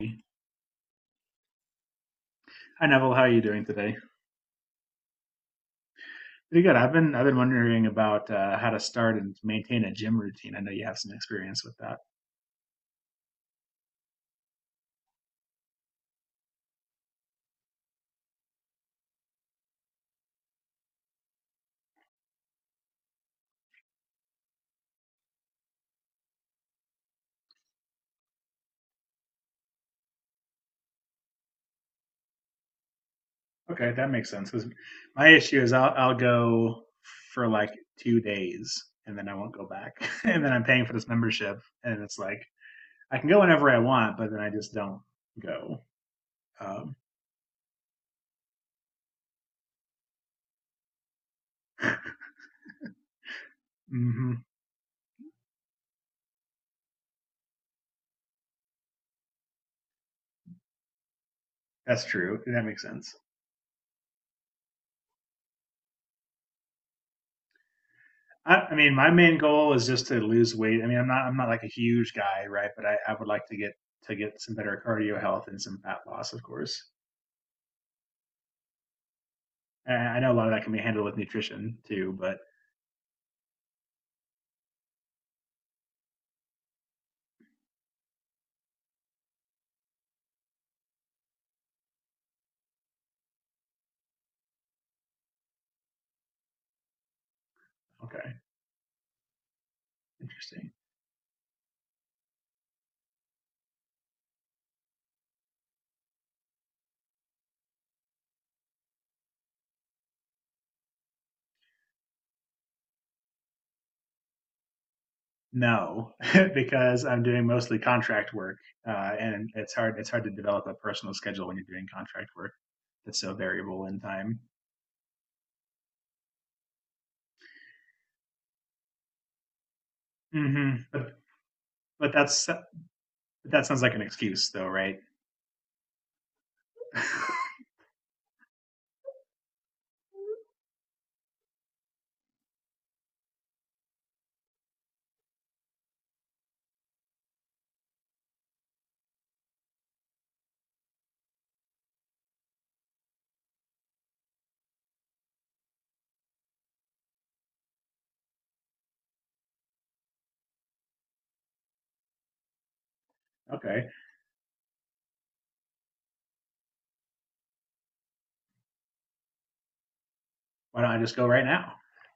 Hi Neville, how are you doing today? Pretty good. I've been wondering about how to start and maintain a gym routine. I know you have some experience with that. Okay, that makes sense. 'Cause my issue is I'll go for like 2 days and then I won't go back. And then I'm paying for this membership, and it's like I can go whenever I want, but then I just don't go. Um, hmm that's true. That makes sense. I mean, my main goal is just to lose weight. I mean, I'm not like a huge guy, right? But I would like to get some better cardio health and some fat loss, of course. And I know a lot of that can be handled with nutrition too, but okay, interesting. No, because I'm doing mostly contract work. And it's hard to develop a personal schedule when you're doing contract work. That's so variable in time. Hmm but that's but That sounds like an excuse, though, right? Okay. Why don't I just go right now?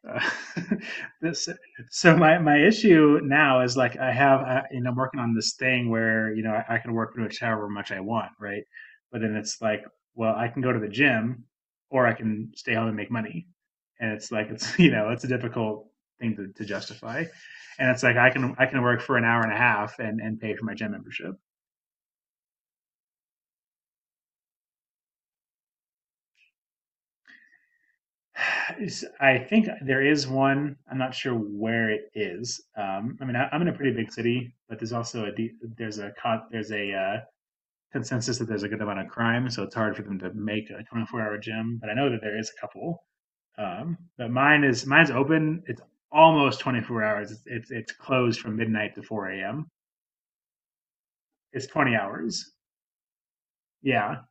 Uh, this, so my issue now is like I have you know I'm working on this thing where you know I can work pretty much however much I want, right? But then it's like, well, I can go to the gym, or I can stay home and make money, and it's like it's you know it's a difficult thing to justify. And it's like I can work for an hour and a half and pay for my gym membership. I think there is one. I'm not sure where it is. I mean, I'm in a pretty big city, but there's also a consensus that there's a good amount of crime, so it's hard for them to make a 24-hour gym. But I know that there is a couple. But mine's open. It's almost 24 hours. It's closed from midnight to 4 a.m. It's 20 hours. Yeah.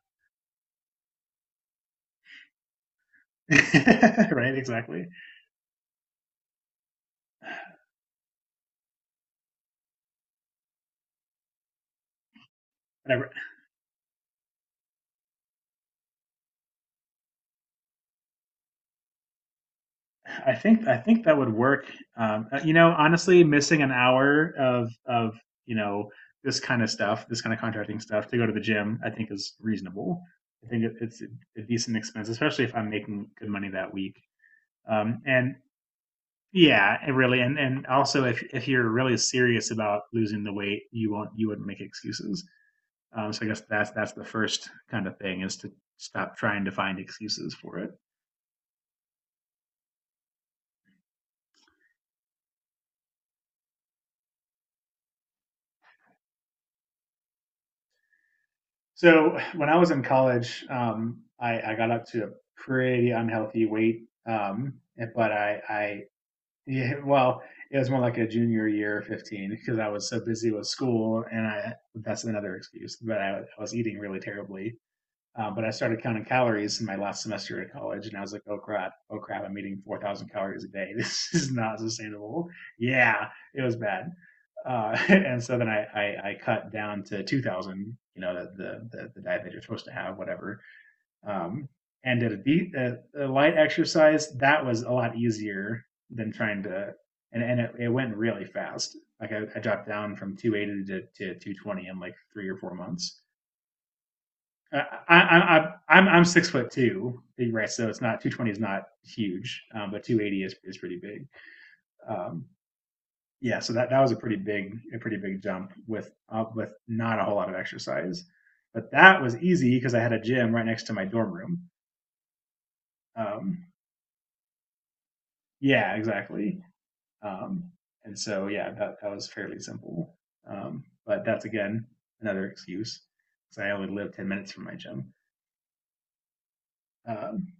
Right. Exactly. And I think that would work. You know, honestly, missing an hour of you know this kind of stuff, this kind of contracting stuff, to go to the gym, I think is reasonable. I think it's a decent expense, especially if I'm making good money that week. And yeah, and really, and also if you're really serious about losing the weight, you wouldn't make excuses. So I guess that's the first kind of thing is to stop trying to find excuses for it. So when I was in college, I got up to a pretty unhealthy weight. But yeah, well, it was more like a junior year, 15, because I was so busy with school and I, that's another excuse, but I was eating really terribly. But I started counting calories in my last semester at college, and I was like, "Oh crap! Oh crap! I'm eating 4,000 calories a day. This is not sustainable." Yeah, it was bad. And so then I cut down to 2,000. You know, the diet that you're supposed to have, whatever. Um, and did a light exercise that was a lot easier than trying to. And it went really fast. Like I dropped down from 280 to 220 in like 3 or 4 months. I, I'm 6 foot two, right? So it's not 220 is not huge, but 280 is pretty big. Um, yeah, so that was a pretty big jump with not a whole lot of exercise, but that was easy because I had a gym right next to my dorm room. Um, yeah, exactly. Um, and so yeah, that was fairly simple. But that's again another excuse because I only live 10 minutes from my gym. Um,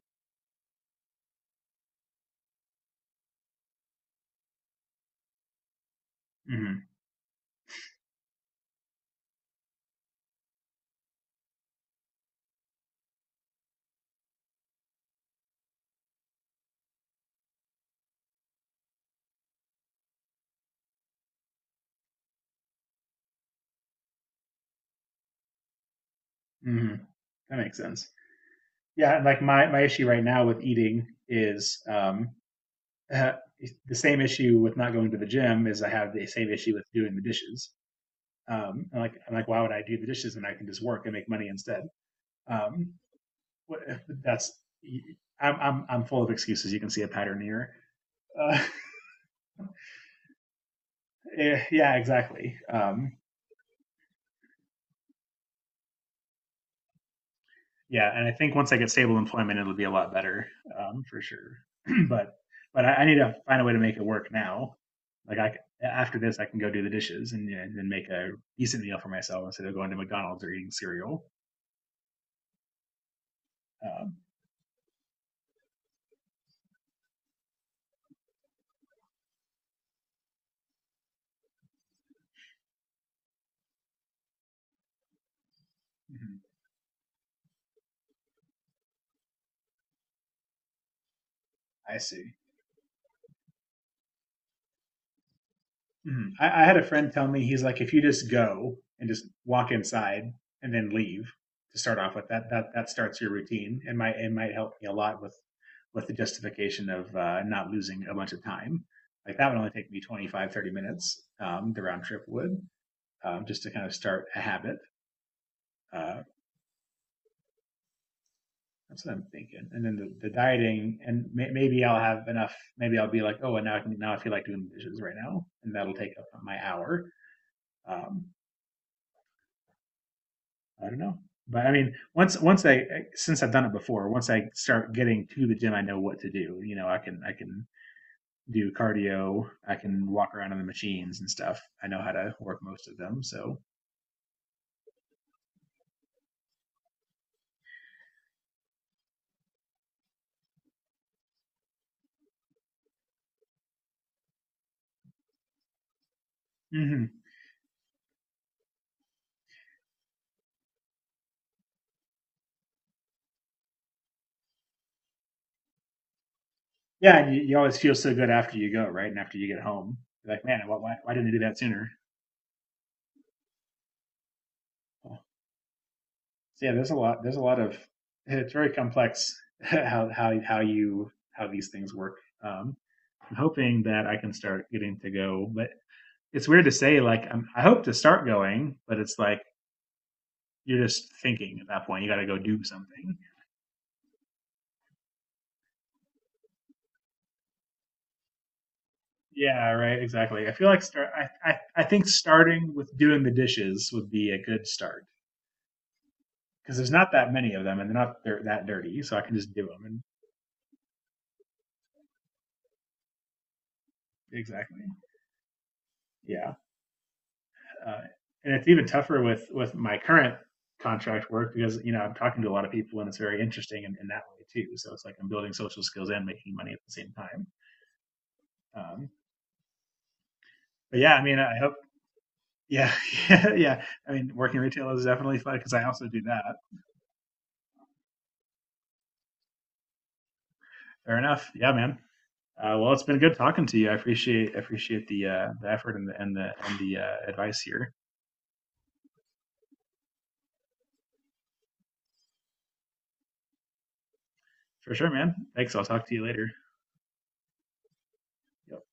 mhm. Mhm. That makes sense. Yeah, like my issue right now with eating is uh, the same issue with not going to the gym is I have the same issue with doing the dishes. I'm like, why would I do the dishes when I can just work and make money instead? Um, that's I'm full of excuses. You can see a pattern here. Uh, yeah, exactly. Yeah, and I think once I get stable employment, it'll be a lot better for sure. but but I need to find a way to make it work now. Like after this, I can go do the dishes and, you know, then make a decent meal for myself instead of going to McDonald's or eating cereal. Um, mhm. I see. Mhm. I had a friend tell me he's like, if you just go and just walk inside and then leave to start off with that, that starts your routine and might it might help me a lot with the justification of not losing a bunch of time. Like that would only take me 25-30 minutes. The round trip would just to kind of start a habit. Uh, that's what I'm thinking. And then the dieting and maybe I'll have enough. Maybe I'll be like, oh, and now I feel like doing the dishes right now, and that'll take up my hour. Um, I don't know. But I mean, once once I since I've done it before, once I start getting to the gym, I know what to do. You know, I can do cardio, I can walk around on the machines and stuff. I know how to work most of them. So hmm yeah, and you always feel so good after you go, right? And after you get home, you're like, man, why didn't I do that sooner? So yeah, there's a lot. There's a lot of. It's very complex how these things work. Um, I'm hoping that I can start getting to go, but it's weird to say. Like I hope to start going, but it's like you're just thinking at that point. You got to go do something. Yeah, right. Exactly. I feel like start. I think starting with doing the dishes would be a good start because there's not that many of them, and they're not they're that dirty, so I can just do them. And exactly. Yeah. uh, and it's even tougher with my current contract work because you know I'm talking to a lot of people and it's very interesting in that way too. So it's like I'm building social skills and making money at the same time. Um, but yeah, I mean, I hope. Yeah, yeah, yeah. I mean, working retail is definitely fun because I also do that. Fair enough. Yeah, man. Well, it's been good talking to you. I appreciate the effort and the advice here for sure, man. Thanks. I'll talk to you later. Yep.